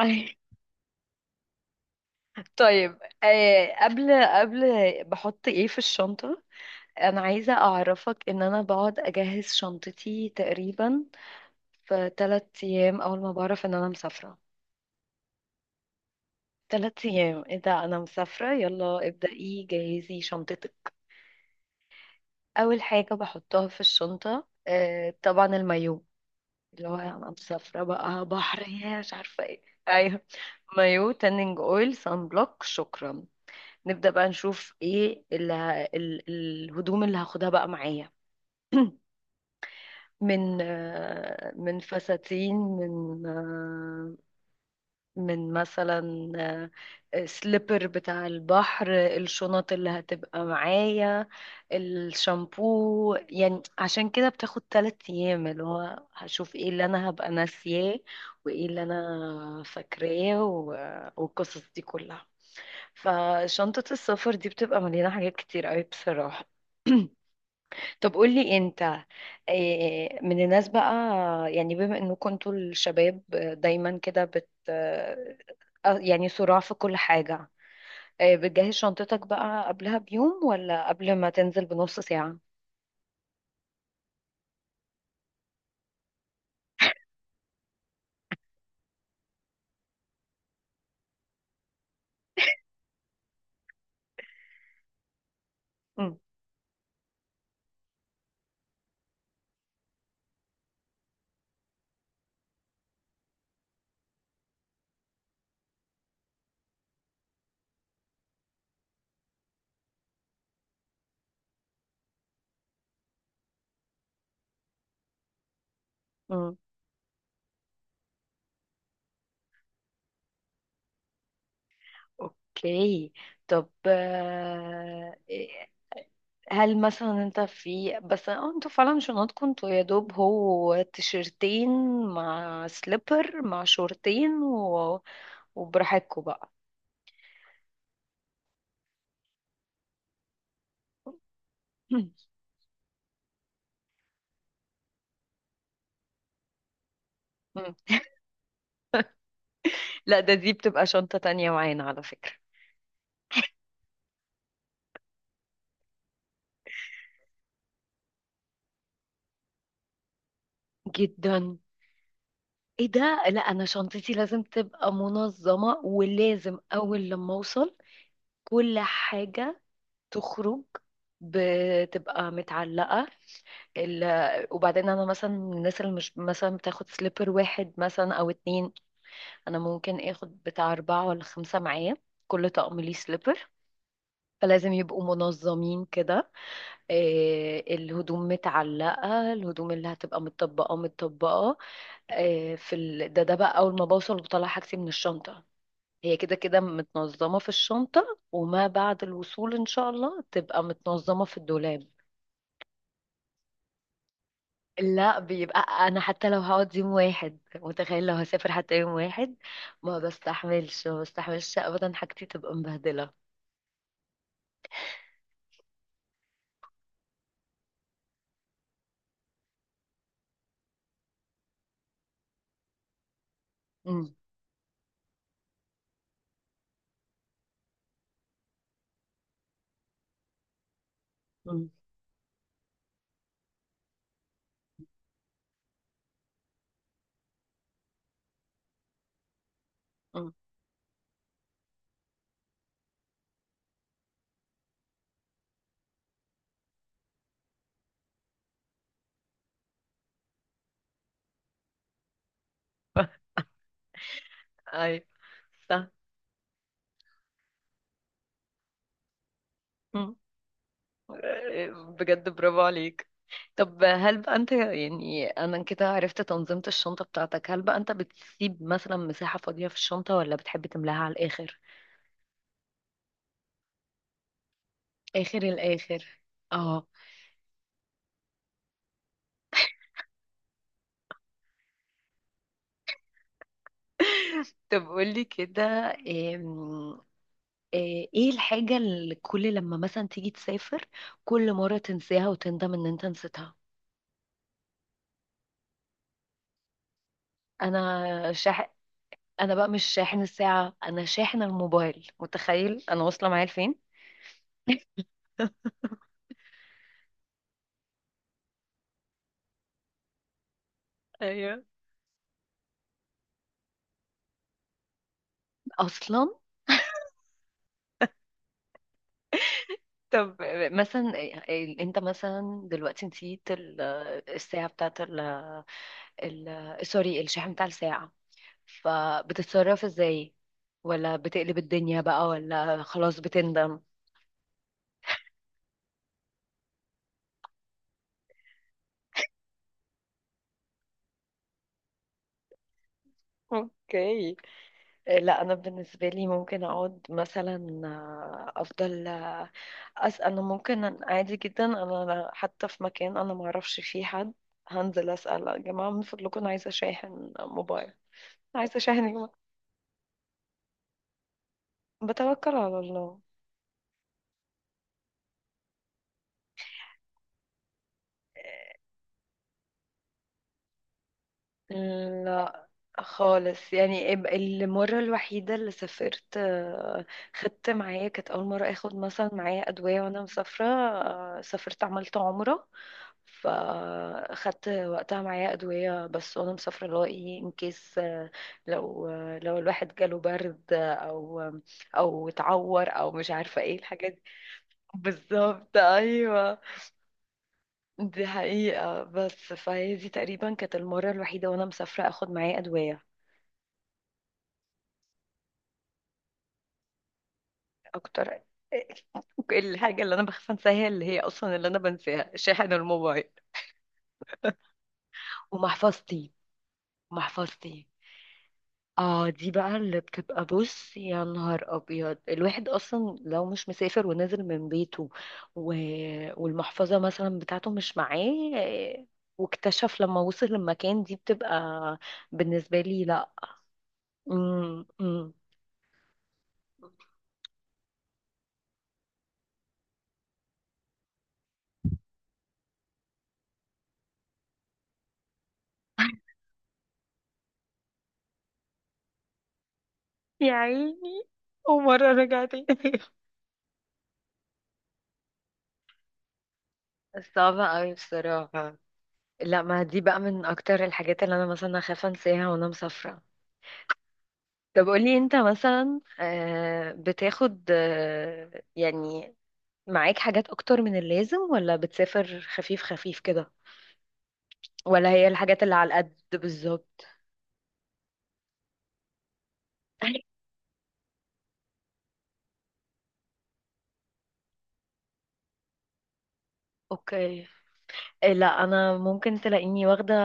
أي. طيب قبل بحط ايه في الشنطة؟ انا عايزة اعرفك ان انا بقعد اجهز شنطتي تقريبا في 3 ايام، اول ما بعرف ان انا مسافرة. 3 ايام، ايه ده؟ انا مسافرة، يلا ابدأي جهزي شنطتك. اول حاجة بحطها في الشنطة طبعا المايو، اللي هو انا مسافرة بقى بحر يا مش عارفة ايه. ايوه، مايو، تانينج اويل، سان بلوك، شكرا. نبدأ بقى نشوف ايه اللي الهدوم اللي هاخدها بقى معايا، من فساتين، من آه، من مثلا، سليبر بتاع البحر، الشنط اللي هتبقى معايا، الشامبو. يعني عشان كده بتاخد 3 ايام، اللي هو هشوف ايه اللي انا هبقى ناسياه وايه اللي انا فاكراه والقصص دي كلها. فشنطة السفر دي بتبقى مليانة حاجات كتير قوي بصراحة. طب قولي انت. من الناس بقى، يعني بما انكم انتوا الشباب دايما كده بت آه، آه، يعني صراع في كل حاجة. بتجهز شنطتك بقى قبلها بيوم ولا قبل ما تنزل بنص ساعة؟ مم. اوكي. طب آه، إيه، هل مثلا انت، في بس، انتوا فعلا شنطكم انتوا يا دوب هو تيشرتين مع سليبر مع شورتين وبراحتكم بقى. مم. مم. لا، ده بتبقى شنطة تانية معانا على فكرة. جدا. ايه ده، لا انا شنطتي لازم تبقى منظمة، ولازم اول لما اوصل كل حاجة تخرج، بتبقى متعلقة ال... وبعدين انا مثلا من الناس اللي مش مثلا بتاخد سليبر واحد مثلا او اتنين، انا ممكن اخد بتاع اربعة ولا خمسة معايا، كل طقم ليه سليبر. فلازم يبقوا منظمين كده. إيه، الهدوم متعلقة، الهدوم اللي هتبقى متطبقة متطبقة. إيه. ده بقى أول ما بوصل بطلع حاجتي من الشنطة، هي كده كده متنظمة في الشنطة، وما بعد الوصول إن شاء الله تبقى متنظمة في الدولاب. لا، بيبقى انا حتى لو هقعد يوم واحد، متخيل لو هسافر حتى يوم واحد، ما بستحملش ما بستحملش ابدا حاجتي تبقى مبهدله. امم. امم. امم. اي. صح. أمم. بجد برافو عليك. طب هل بقى انت، يعني انا كده عرفت تنظيمة الشنطة بتاعتك، هل بقى انت بتسيب مثلا مساحة فاضية في الشنطة ولا بتحب تملاها على الاخر؟ اخر الاخر. اه. طب قولي كده، ايه الحاجة اللي كل لما مثلا تيجي تسافر كل مرة تنساها وتندم ان انت نسيتها؟ انا شاحن انا بقى مش شاحن الساعة، انا شاحن الموبايل. متخيل انا واصلة معايا لفين. ايوه. اصلا. طب مثلا انت مثلا دلوقتي نسيت الساعة بتاعت سوري، الشاحن بتاع الساعة، فبتتصرف ازاي؟ ولا بتقلب الدنيا بقى، ولا خلاص بتندم؟ اوكي. لا انا بالنسبه لي ممكن اقعد مثلا، افضل آه، أس انا ممكن عادي جدا. انا حتى في مكان انا ما اعرفش فيه حد، هنزل اسال يا جماعه من فضلكم انا عايزه اشاحن موبايل، عايزه اشاحن يا جماعه. بتوكل على الله. لا خالص، يعني المرة الوحيدة اللي سافرت خدت معايا، كانت أول مرة أخد مثلا معايا أدوية وأنا مسافرة، سافرت عملت عمرة، فاخدت وقتها معايا ادويه بس وانا مسافره اللي هو ايه ان كيس، لو لو الواحد جاله برد او اتعور، او مش عارفه ايه الحاجات دي. بالظبط. ايوه. دي حقيقه، بس فهي دي تقريبا كانت المره الوحيده وانا مسافره اخد معايا ادويه. اكتر. الحاجه اللي انا بخاف انساها، اللي هي اصلا اللي انا بنساها، شاحن الموبايل ومحفظتي. محفظتي، اه دي بقى اللي بتبقى، بص يا نهار ابيض، الواحد اصلا لو مش مسافر ونازل من بيته و... والمحفظة مثلا بتاعته مش معاه، واكتشف لما وصل المكان، دي بتبقى بالنسبة لي لا. مم. مم. يا عيني. ومرة رجعت. صعبة قوي بصراحة. لا، ما دي بقى من اكتر الحاجات اللي انا مثلا اخاف انساها وانا مسافرة. طب قولي انت مثلا، بتاخد يعني معاك حاجات اكتر من اللازم، ولا بتسافر خفيف خفيف كده، ولا هي الحاجات اللي على القد بالظبط؟ اوكي. لا انا ممكن تلاقيني واخده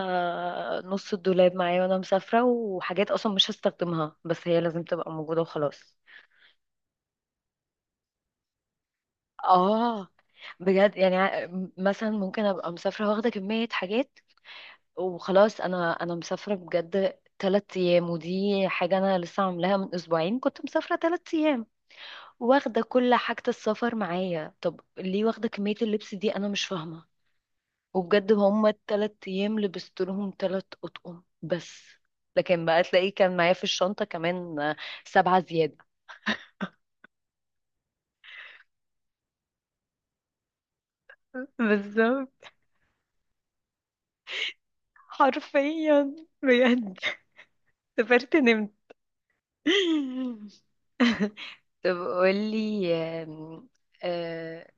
نص الدولاب معايا وانا مسافره، وحاجات اصلا مش هستخدمها بس هي لازم تبقى موجوده وخلاص. اه. بجد، يعني مثلا ممكن ابقى مسافره واخده كميه حاجات وخلاص. انا مسافره بجد 3 ايام، ودي حاجه انا لسه عاملاها. من اسبوعين كنت مسافره 3 ايام، واخدة كل حاجة السفر معايا، طب ليه واخدة كمية اللبس دي؟ أنا مش فاهمة. وبجد هما التلات أيام لبست لهم 3 أطقم بس، لكن بقى تلاقيه كان معايا في الشنطة كمان 7 زيادة. بالظبط. حرفيا. بجد سافرت نمت. طب قولي آم، آه،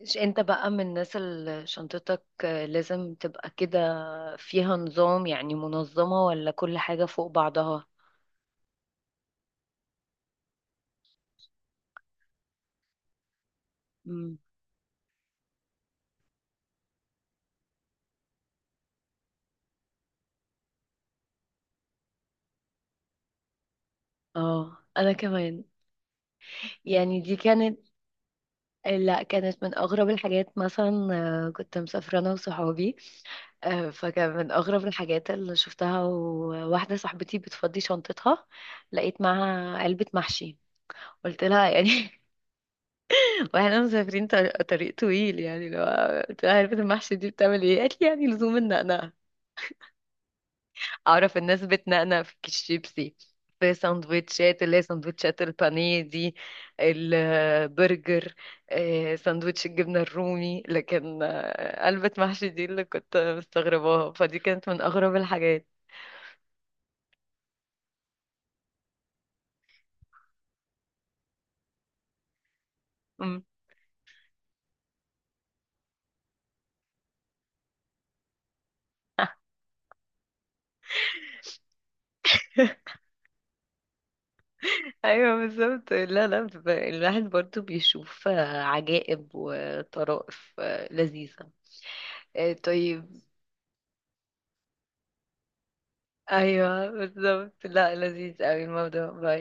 مش انت بقى من الناس اللي شنطتك لازم تبقى كده فيها نظام، يعني منظمة، ولا كل حاجة فوق بعضها؟ مم. اه انا كمان. يعني دي كانت لا، كانت من اغرب الحاجات. مثلا كنت مسافرة انا وصحابي، فكان من اغرب الحاجات اللي شفتها، وواحدة صاحبتي بتفضي شنطتها، لقيت معاها علبة محشي، قلت لها يعني. واحنا مسافرين طريق, طويل، يعني لو قلت لها علبة المحشي دي بتعمل ايه قالت لي يعني لزوم النقنقة. اعرف الناس بتنقنق في الشيبسي، في سندوتشات، اللي هي سندوتشات البانيه دي، البرجر، سندوتش الجبنة الرومي، لكن قلبة محشي دي اللي كنت مستغرباها، فدي كانت من اغرب الحاجات. أمم. ايوه بالظبط. لا لا، الواحد برضو بيشوف عجائب وطرائف لذيذة. طيب. ايوه بالظبط، لا لذيذ قوي الموضوع.